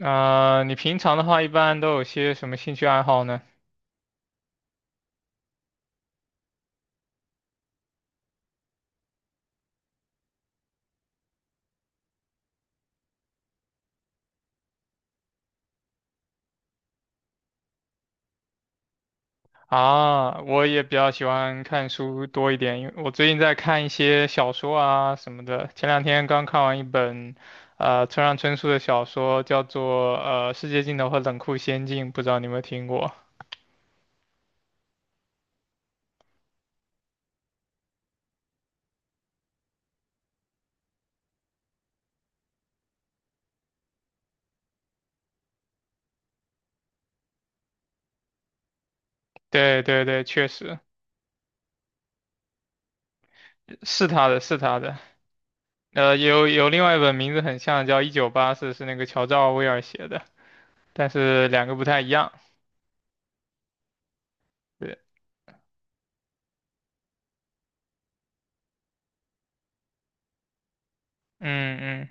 你平常的话一般都有些什么兴趣爱好呢？啊，我也比较喜欢看书多一点，因为我最近在看一些小说啊什么的。前两天刚看完一本，村上春树的小说，叫做《世界尽头和冷酷仙境》，不知道你有没有听过？对对对，确实是他的，是他的。有另外一本名字很像，叫《一九八四》，是那个乔治奥威尔写的，但是两个不太一样。对，嗯嗯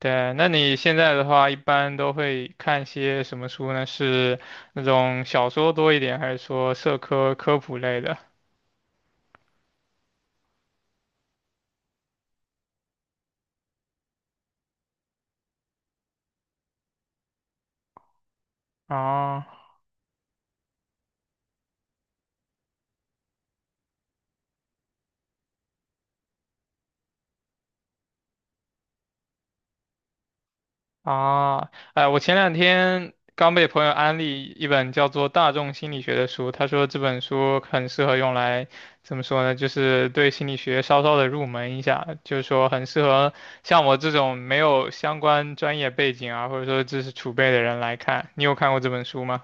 对，那你现在的话，一般都会看些什么书呢？是那种小说多一点，还是说社科科普类的？啊啊，哎，我前两天刚被朋友安利一本叫做《大众心理学》的书，他说这本书很适合用来，怎么说呢？就是对心理学稍稍的入门一下，就是说很适合像我这种没有相关专业背景啊，或者说知识储备的人来看。你有看过这本书吗？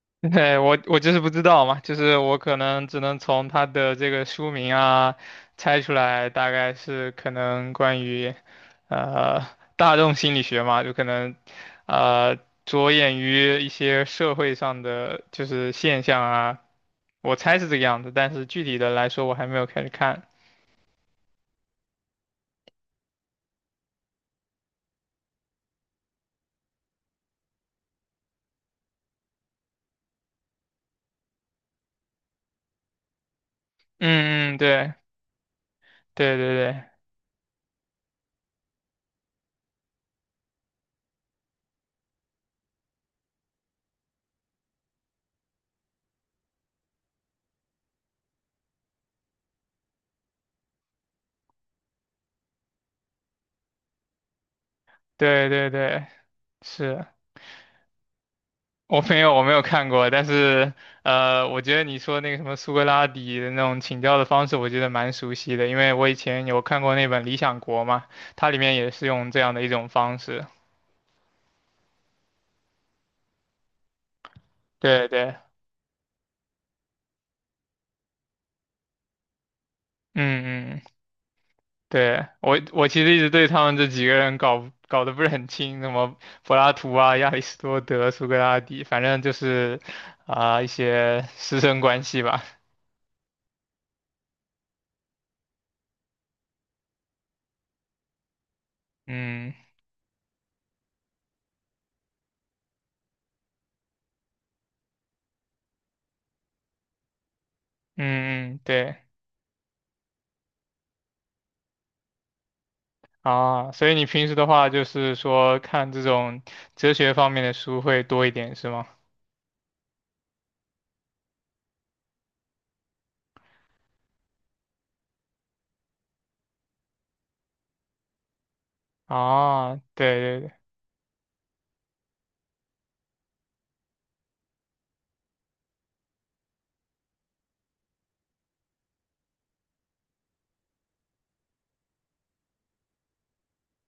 对，我就是不知道嘛，就是我可能只能从它的这个书名啊猜出来，大概是可能关于呃大众心理学嘛，就可能呃着眼于一些社会上的就是现象啊，我猜是这个样子，但是具体的来说我还没有开始看。嗯嗯，对对对对对对对，是。我没有，我没有看过，但是我觉得你说那个什么苏格拉底的那种请教的方式，我觉得蛮熟悉的，因为我以前有看过那本《理想国》嘛，它里面也是用这样的一种方式。对对，嗯嗯，对，我其实一直对他们这几个人搞得不是很清，什么柏拉图啊、亚里士多德、苏格拉底，反正就是一些师生关系吧。嗯嗯嗯，对。啊，所以你平时的话就是说看这种哲学方面的书会多一点，是吗？啊，对对对，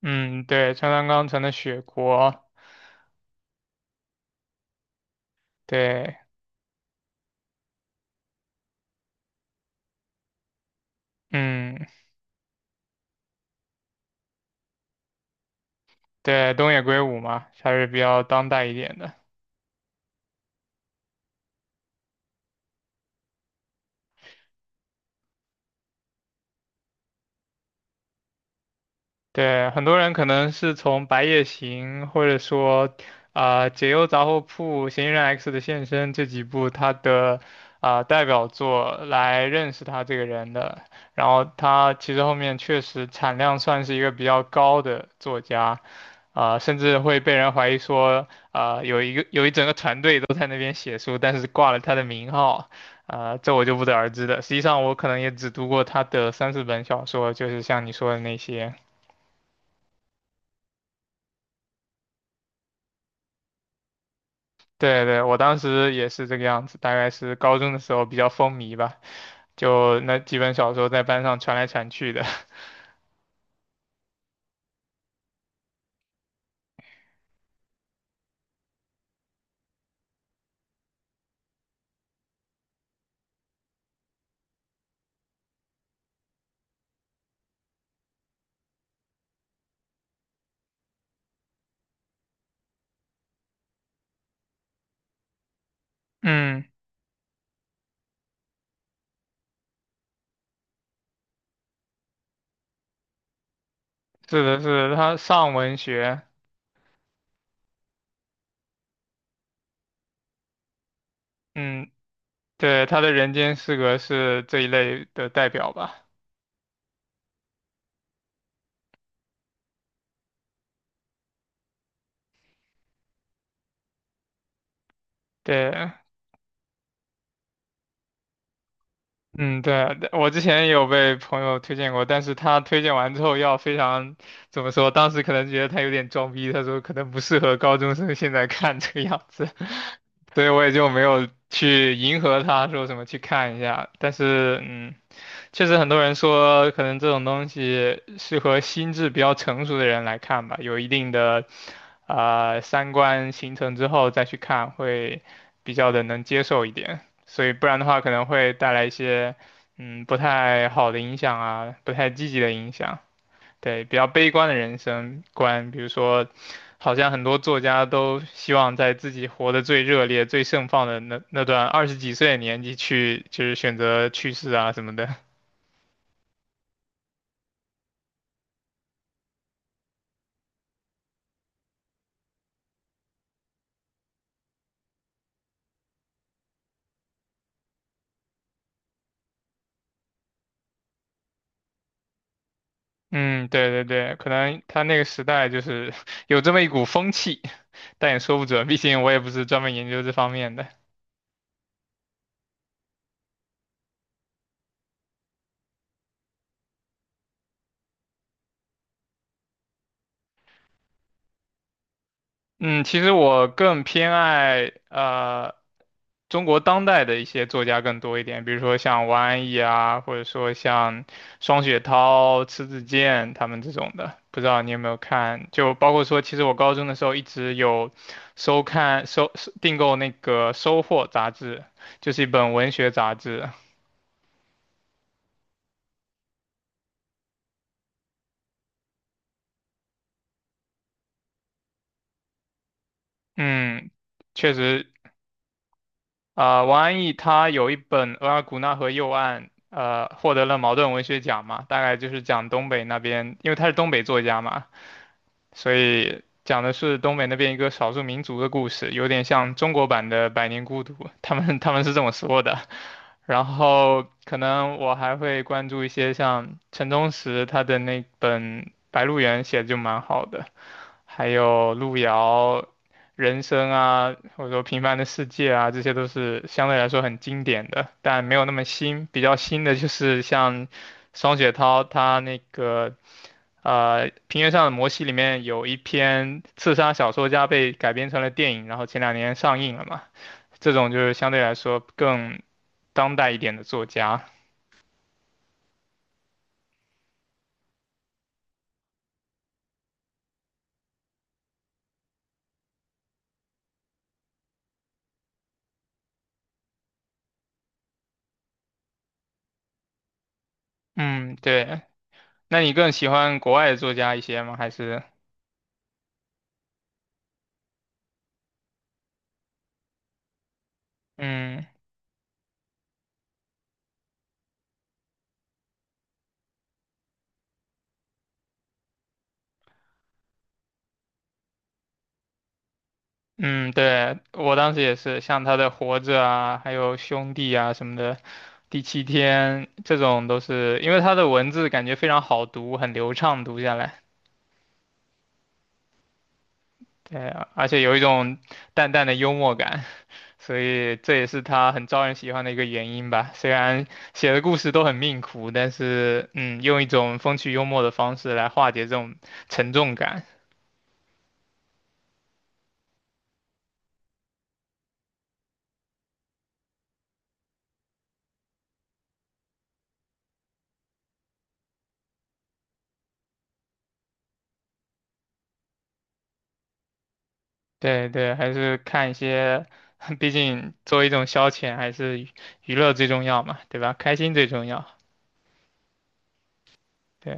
嗯，对，川端康成的《雪国》，对，嗯，对，东野圭吾嘛，还是比较当代一点的。对，很多人可能是从《白夜行》或者说解忧杂货铺》《嫌疑人 X 的现身》这几部他的代表作来认识他这个人的。然后他其实后面确实产量算是一个比较高的作家，甚至会被人怀疑说有一整个团队都在那边写书，但是挂了他的名号。这我就不得而知了。实际上，我可能也只读过他的三四本小说，就是像你说的那些。对对，我当时也是这个样子，大概是高中的时候比较风靡吧，就那几本小说在班上传来传去的。嗯，是的，是的，他上文学，嗯，对，他的《人间失格》是这一类的代表吧。对，嗯，对啊，我之前也有被朋友推荐过，但是他推荐完之后要非常，怎么说，当时可能觉得他有点装逼，他说可能不适合高中生现在看这个样子，所以我也就没有去迎合他说什么去看一下。但是，嗯，确实很多人说可能这种东西适合心智比较成熟的人来看吧，有一定的，呃，三观形成之后再去看会比较的能接受一点。所以不然的话可能会带来一些不太好的影响啊，不太积极的影响，对，比较悲观的人生观，比如说，好像很多作家都希望在自己活得最热烈、最盛放的那段二十几岁的年纪去，就是选择去世啊什么的。嗯，对对对，可能他那个时代就是 有这么一股风气，但也说不准，毕竟我也不是专门研究这方面的。嗯，其实我更偏爱中国当代的一些作家更多一点，比如说像王安忆啊，或者说像双雪涛、迟子建他们这种的。不知道你有没有看？就包括说，其实我高中的时候一直有收看、收订购那个《收获》杂志，就是一本文学杂志。嗯，确实王安忆他有一本《额尔古纳河右岸》，获得了茅盾文学奖嘛，大概就是讲东北那边，因为他是东北作家嘛，所以讲的是东北那边一个少数民族的故事，有点像中国版的《百年孤独》，他们是这么说的。然后可能我还会关注一些像陈忠实他的那本《白鹿原》写的就蛮好的，还有路遥、人生啊，或者说平凡的世界啊，这些都是相对来说很经典的，但没有那么新。比较新的就是像双雪涛他那个《平原上的摩西》里面有一篇刺杀小说家被改编成了电影，然后前两年上映了嘛，这种就是相对来说更当代一点的作家。嗯，对。那你更喜欢国外的作家一些吗？还是嗯？嗯，对，我当时也是，像他的《活着》啊，还有《兄弟》啊什么的，《第七天》这种都是，因为他的文字感觉非常好读，很流畅读下来，对啊，而且有一种淡淡的幽默感，所以这也是他很招人喜欢的一个原因吧。虽然写的故事都很命苦，但是嗯，用一种风趣幽默的方式来化解这种沉重感。对对，还是看一些，毕竟作为一种消遣，还是娱乐最重要嘛，对吧？开心最重要。对，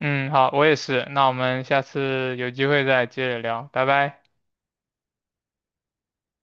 嗯，好，我也是。那我们下次有机会再接着聊，拜拜。